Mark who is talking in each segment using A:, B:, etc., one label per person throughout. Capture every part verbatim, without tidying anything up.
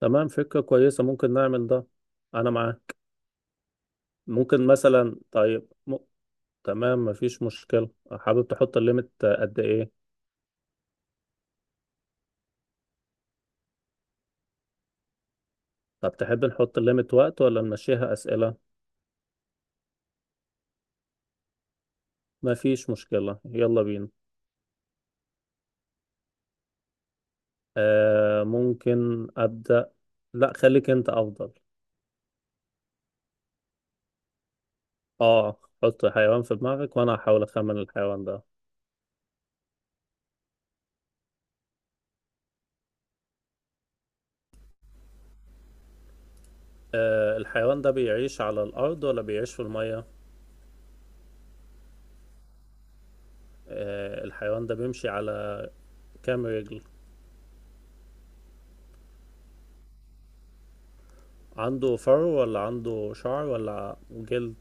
A: تمام، فكرة كويسة. ممكن نعمل ده. أنا معاه. ممكن مثلا، طيب م... تمام، مفيش مشكلة. حابب تحط الليمت قد إيه؟ طب تحب نحط الليمت وقت ولا نمشيها أسئلة؟ مفيش مشكلة، يلا بينا. آه، ممكن أبدأ. لا، خليك أنت أفضل. آه، حط حيوان في دماغك وأنا هحاول أخمن الحيوان ده. آه، الحيوان ده بيعيش على الأرض ولا بيعيش في المية؟ آه، الحيوان ده بيمشي على كام رجل؟ عنده فرو ولا عنده شعر ولا جلد؟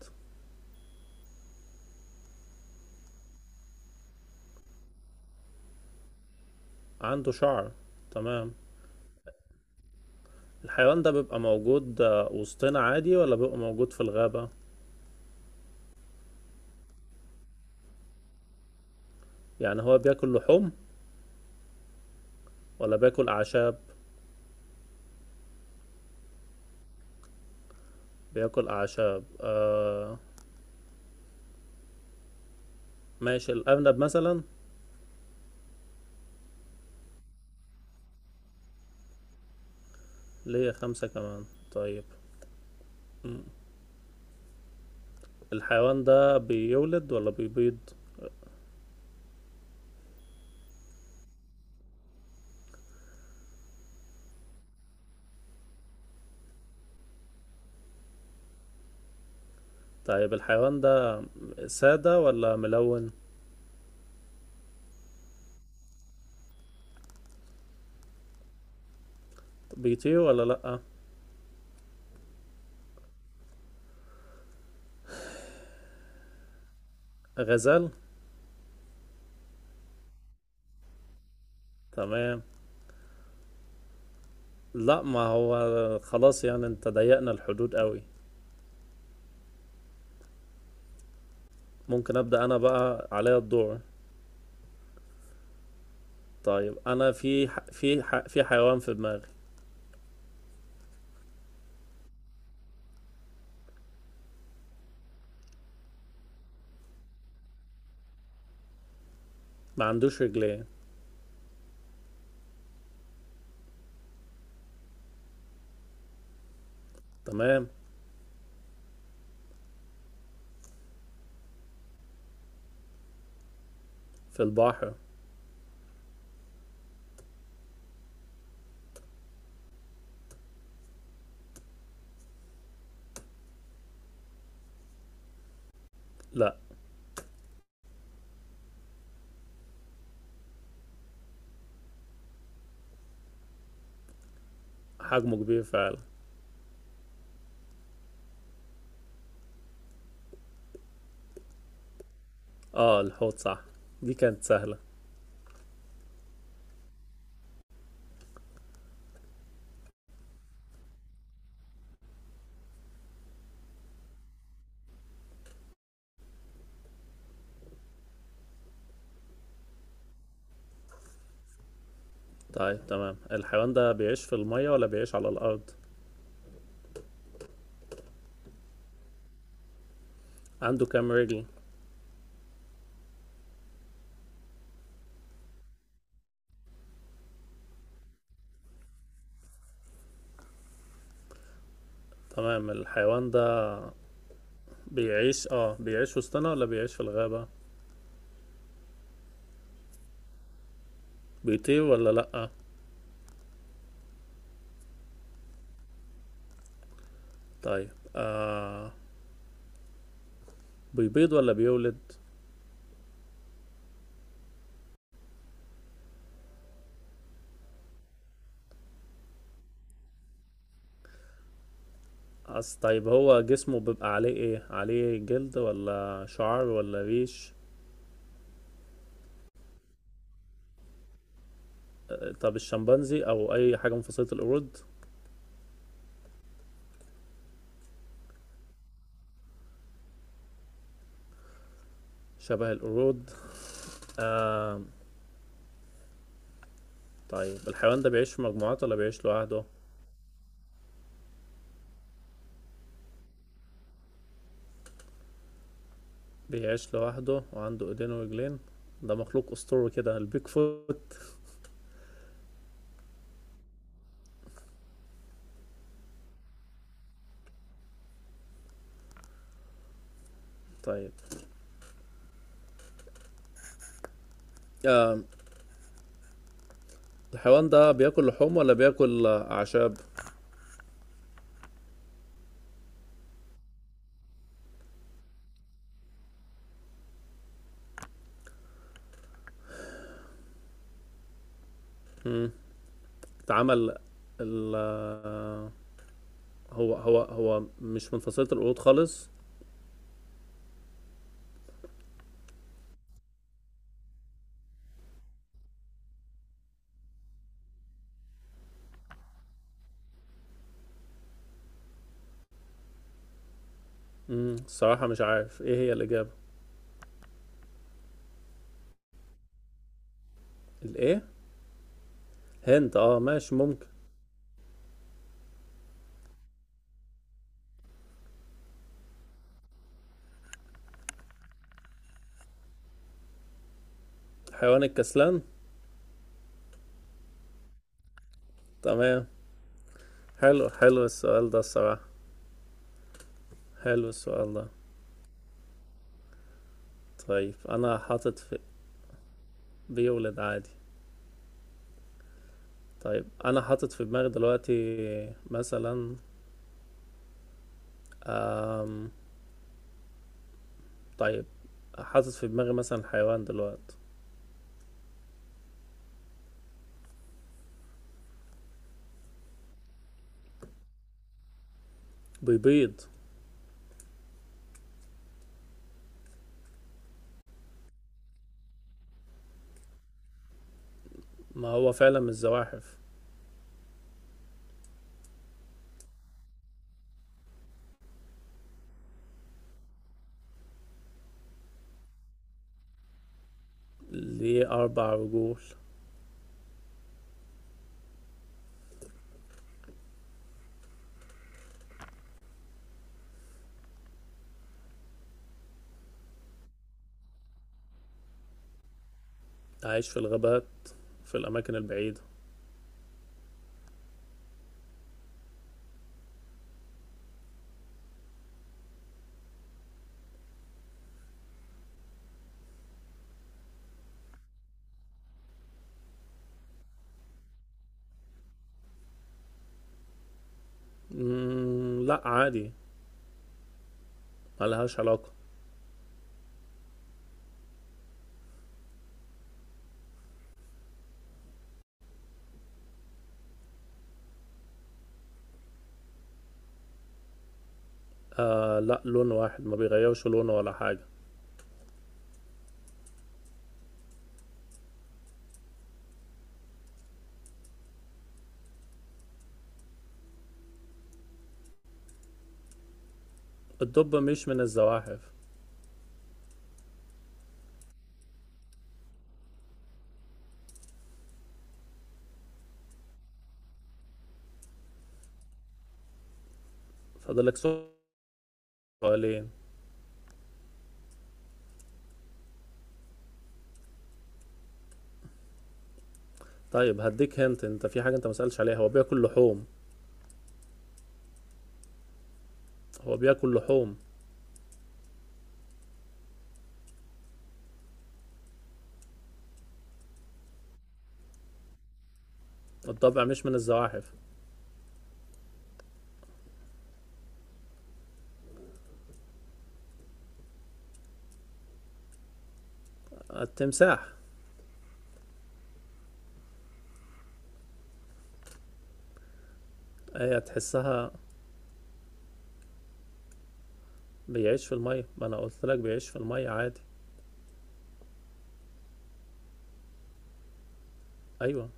A: عنده شعر، تمام. الحيوان ده بيبقى موجود آه، وسطنا عادي، ولا بيبقى موجود في الغابة؟ يعني هو بياكل لحوم ولا بياكل أعشاب؟ بياكل أعشاب. آه ماشي، الأرنب مثلا. ليه خمسة كمان؟ طيب. مم. الحيوان ده بيولد ولا بيبيض؟ طيب، الحيوان ده سادة ولا ملون؟ بيطير ولا لأ؟ غزال. تمام. لا، ما هو خلاص يعني انت ضيقنا الحدود قوي. ممكن ابدا انا، بقى عليا الدور. طيب، انا في ح... في ح... في حيوان في دماغي. ما عندوش رجلين. تمام. في البحر. لا. حجمه كبير فعلا. اه، الحوت صح. دي كانت سهلة. طيب، تمام. الحيوان ده بيعيش في المية ولا بيعيش على الارض؟ عنده كام رجل؟ تمام. الحيوان ده بيعيش اه بيعيش وسطنا، ولا بيعيش في الغابة؟ بيطير ولا لأ؟ طيب، آه بيبيض ولا بيولد؟ أصل، طيب، هو جسمه بيبقى عليه ايه؟ عليه جلد ولا شعر ولا ريش؟ آه، طب الشمبانزي او اي حاجة من فصيلة القرود؟ شبه القرود، آه طيب. الحيوان ده بيعيش في مجموعات ولا بيعيش لوحده؟ بيعيش لوحده وعنده ايدين ورجلين؟ ده مخلوق اسطوري كده، البيك فوت. طيب، آه الحيوان ده بياكل لحوم ولا بياكل آه، اعشاب؟ مم، اتعمل ال آه، هو هو هو مش من فصيلة القرود خالص؟ امم الصراحة مش عارف ايه هي الإجابة. الايه؟ هند، اه، ماشي، ممكن. حيوان الكسلان. تمام. حلو، حلو السؤال ده الصراحة. حلو السؤال ده. طيب، انا حاطط في. بيولد عادي. طيب، انا حاطط في دماغي دلوقتي مثلا. آم... طيب، حاطط في دماغي مثلا حيوان دلوقتي. بيبيض. ما هو فعلا من الزواحف. ليه أربع رجول. عايش في الغابات، في الأماكن البعيدة. مم... لا، عادي. ملهاش علاقة. آه، لا، لون واحد، ما بيغيروش لونه ولا حاجة. الدب مش من الزواحف. فاضلك سؤالين. طيب، هديك هنت. انت في حاجة انت مسألش عليها، هو بياكل لحوم. هو بياكل لحوم. الضبع مش من الزواحف. التمساح. هي تحسها. بيعيش في المية، ما انا قلت لك بيعيش في المية عادي. ايوه.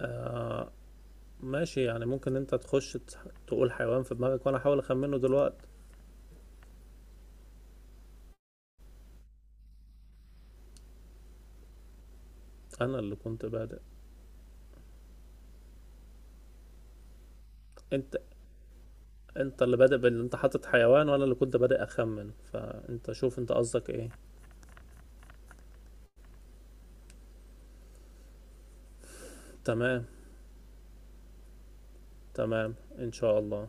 A: آه، ماشي. يعني ممكن انت تخش تح- تقول حيوان في دماغك وانا احاول اخمنه دلوقتي. انا اللي كنت بادئ. انت. انت اللي بادئ بان انت حاطط حيوان، وانا اللي كنت بادئ اخمن، فانت شوف انت قصدك ايه. تمام. تمام، ان شاء الله.